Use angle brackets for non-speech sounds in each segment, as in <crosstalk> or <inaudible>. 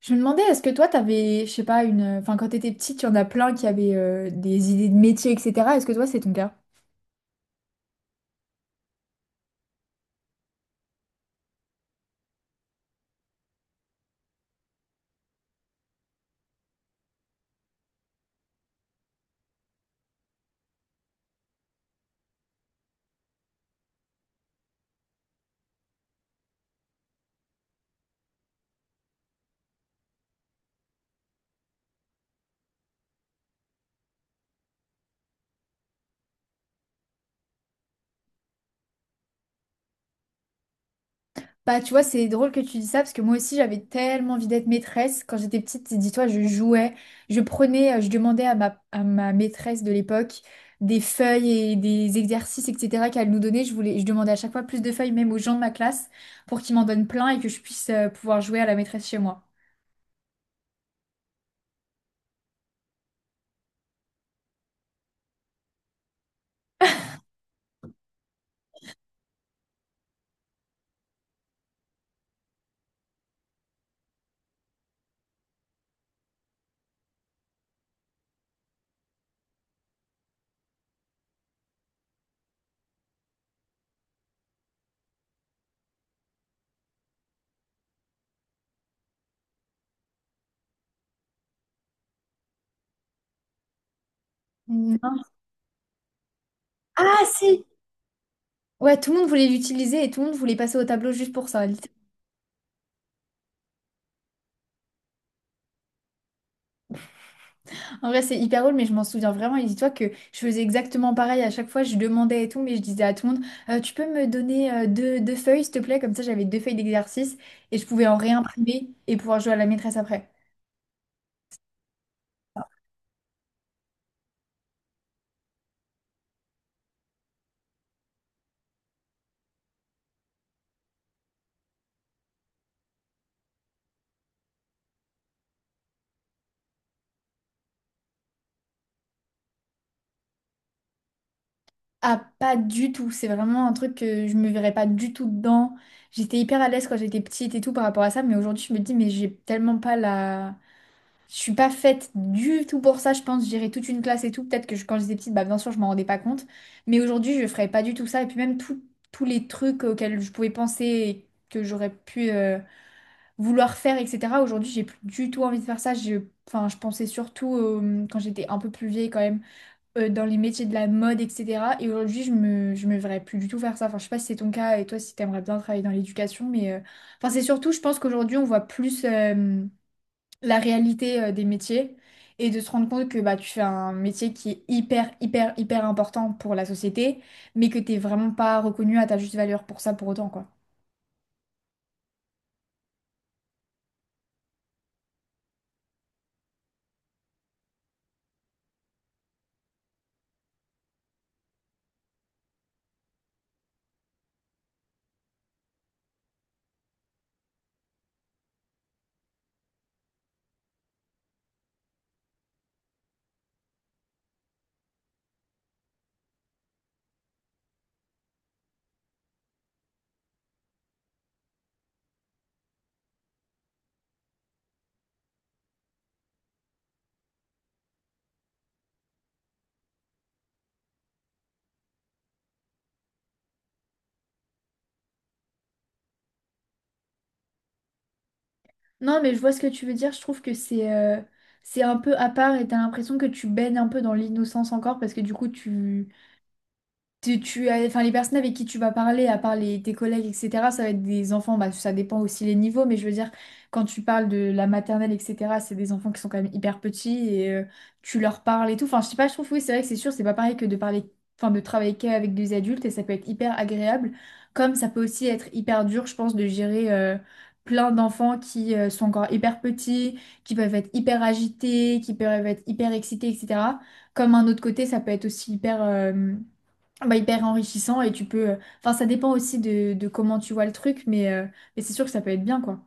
Je me demandais, est-ce que toi, t'avais, je sais pas, une... Enfin, quand t'étais petite, il y en a plein qui avaient des idées de métier, etc. Est-ce que toi, c'est ton cas? Bah, tu vois, c'est drôle que tu dis ça, parce que moi aussi, j'avais tellement envie d'être maîtresse. Quand j'étais petite, dis-toi, je jouais, je prenais, je demandais à ma maîtresse de l'époque des feuilles et des exercices, etc., qu'elle nous donnait. Je voulais, je demandais à chaque fois plus de feuilles, même aux gens de ma classe, pour qu'ils m'en donnent plein et que je puisse pouvoir jouer à la maîtresse chez moi. Non. Ah si! Ouais, tout le monde voulait l'utiliser et tout le monde voulait passer au tableau juste pour ça. En vrai, c'est hyper drôle, mais je m'en souviens vraiment. Et dis-toi que je faisais exactement pareil à chaque fois. Je demandais et tout, mais je disais à tout le monde, tu peux me donner deux feuilles, s'il te plaît? Comme ça, j'avais deux feuilles d'exercice et je pouvais en réimprimer et pouvoir jouer à la maîtresse après. Ah, pas du tout. C'est vraiment un truc que je me verrais pas du tout dedans. J'étais hyper à l'aise quand j'étais petite et tout par rapport à ça, mais aujourd'hui, je me dis, mais j'ai tellement pas la... Je suis pas faite du tout pour ça, je pense. J'irais toute une classe et tout. Peut-être que je- quand j'étais petite, bah, bien sûr, je m'en rendais pas compte. Mais aujourd'hui, je ferais pas du tout ça. Et puis même tout- tous les trucs auxquels je pouvais penser et que j'aurais pu vouloir faire, etc. Aujourd'hui, j'ai plus du tout envie de faire ça. Je, enfin, je pensais surtout, quand j'étais un peu plus vieille quand même, dans les métiers de la mode, etc. Et aujourd'hui, je me verrais plus du tout faire ça. Enfin, je sais pas si c'est ton cas et toi, si t'aimerais bien travailler dans l'éducation. Mais enfin, c'est surtout, je pense qu'aujourd'hui, on voit plus. La réalité des métiers et de se rendre compte que bah, tu fais un métier qui est hyper, hyper, hyper important pour la société, mais que t'es vraiment pas reconnu à ta juste valeur pour ça pour autant, quoi. Non, mais je vois ce que tu veux dire. Je trouve que c'est un peu à part et t'as l'impression que tu baignes un peu dans l'innocence encore parce que du coup, tu tu as, enfin, les personnes avec qui tu vas parler, à part les, tes collègues, etc., ça va être des enfants, bah, ça dépend aussi les niveaux, mais je veux dire, quand tu parles de la maternelle, etc., c'est des enfants qui sont quand même hyper petits et tu leur parles et tout. Enfin, je sais pas, je trouve, oui, c'est vrai que c'est sûr, c'est pas pareil que de parler, enfin, de travailler qu'avec des adultes et ça peut être hyper agréable, comme ça peut aussi être hyper dur, je pense, de gérer plein d'enfants qui sont encore hyper petits, qui peuvent être hyper agités, qui peuvent être hyper excités, etc. Comme un autre côté, ça peut être aussi hyper. Bah, hyper enrichissant et tu peux... Enfin, ça dépend aussi de comment tu vois le truc, mais c'est sûr que ça peut être bien, quoi.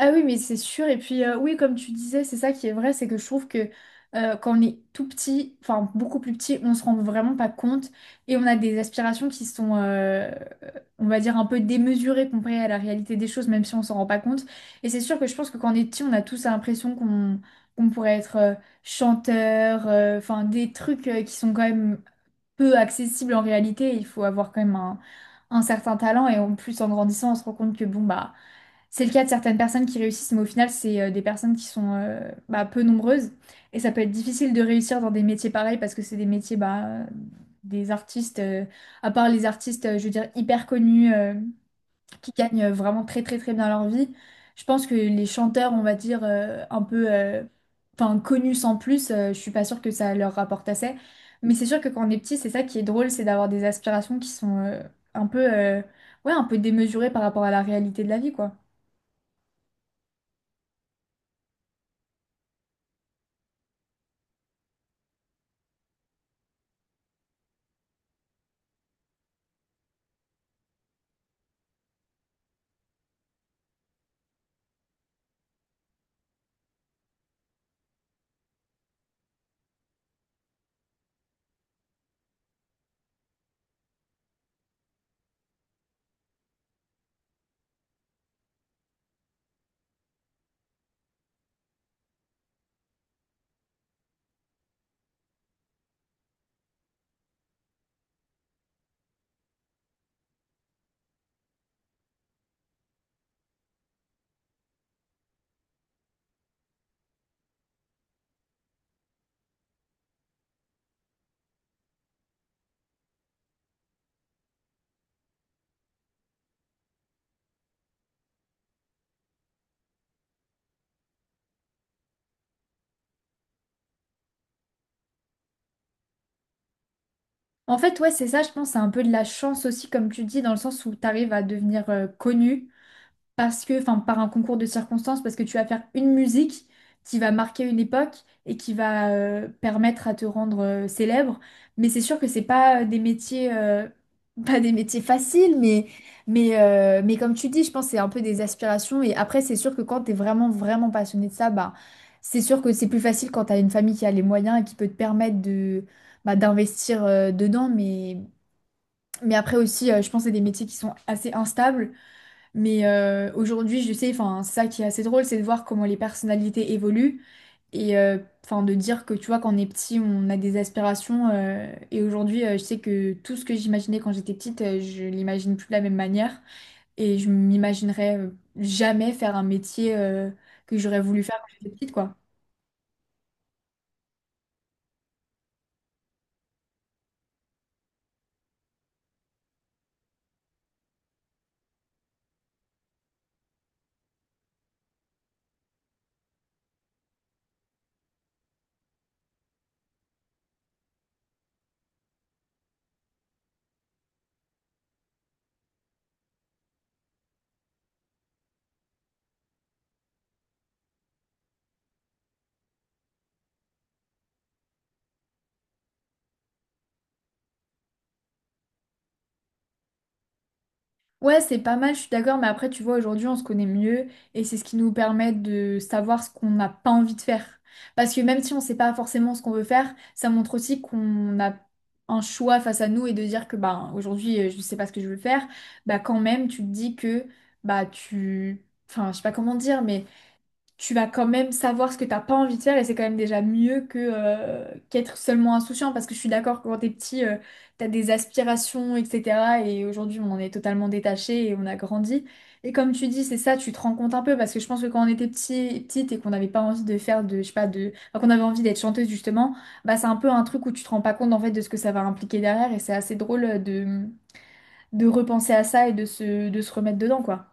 Ah oui, mais c'est sûr. Et puis, oui, comme tu disais, c'est ça qui est vrai, c'est que je trouve que quand on est tout petit, enfin, beaucoup plus petit, on se rend vraiment pas compte et on a des aspirations qui sont, on va dire, un peu démesurées comparées à la réalité des choses, même si on s'en rend pas compte. Et c'est sûr que je pense que quand on est petit, on a tous l'impression qu'on pourrait être chanteur, enfin, des trucs qui sont quand même peu accessible en réalité. Il faut avoir quand même un certain talent et en plus en grandissant, on se rend compte que bon bah c'est le cas de certaines personnes qui réussissent, mais au final c'est des personnes qui sont bah, peu nombreuses et ça peut être difficile de réussir dans des métiers pareils parce que c'est des métiers bah, des artistes, à part les artistes, je veux dire hyper connus. Qui gagnent vraiment très très très bien leur vie. Je pense que les chanteurs, on va dire, un peu enfin, connus sans plus, je suis pas sûre que ça leur rapporte assez. Mais c'est sûr que quand on est petit, c'est ça qui est drôle, c'est d'avoir des aspirations qui sont un peu, ouais, un peu démesurées par rapport à la réalité de la vie, quoi. En fait, ouais, c'est ça, je pense, c'est un peu de la chance aussi, comme tu dis, dans le sens où tu arrives à devenir connu parce que, enfin, par un concours de circonstances, parce que tu vas faire une musique qui va marquer une époque et qui va permettre à te rendre célèbre. Mais c'est sûr que c'est pas des métiers, <laughs> pas des métiers faciles, mais comme tu dis, je pense que c'est un peu des aspirations. Et après, c'est sûr que quand t'es vraiment, vraiment passionné de ça, bah, c'est sûr que c'est plus facile quand t'as une famille qui a les moyens et qui peut te permettre de, bah, d'investir dedans. Mais après aussi, je pense que c'est des métiers qui sont assez instables. Mais aujourd'hui, je sais, enfin, ça qui est assez drôle, c'est de voir comment les personnalités évoluent et enfin de dire que tu vois, quand on est petit, on a des aspirations. Et aujourd'hui, je sais que tout ce que j'imaginais quand j'étais petite, je l'imagine plus de la même manière et je m'imaginerais jamais faire un métier que j'aurais voulu faire quand j'étais petite, quoi. Ouais, c'est pas mal, je suis d'accord, mais après, tu vois, aujourd'hui, on se connaît mieux et c'est ce qui nous permet de savoir ce qu'on n'a pas envie de faire. Parce que même si on sait pas forcément ce qu'on veut faire, ça montre aussi qu'on a un choix face à nous et de dire que bah aujourd'hui, je sais pas ce que je veux faire, bah quand même, tu te dis que bah tu. Enfin, je sais pas comment dire, mais tu vas quand même savoir ce que t'as pas envie de faire et c'est quand même déjà mieux que qu'être seulement insouciant parce que je suis d'accord que quand t'es petit t'as des aspirations etc et aujourd'hui on en est totalement détaché et on a grandi et comme tu dis c'est ça tu te rends compte un peu parce que je pense que quand on était petit petite et qu'on n'avait pas envie de faire de je sais pas de enfin, qu'on avait envie d'être chanteuse justement bah c'est un peu un truc où tu te rends pas compte en fait de ce que ça va impliquer derrière et c'est assez drôle de repenser à ça et de se remettre dedans quoi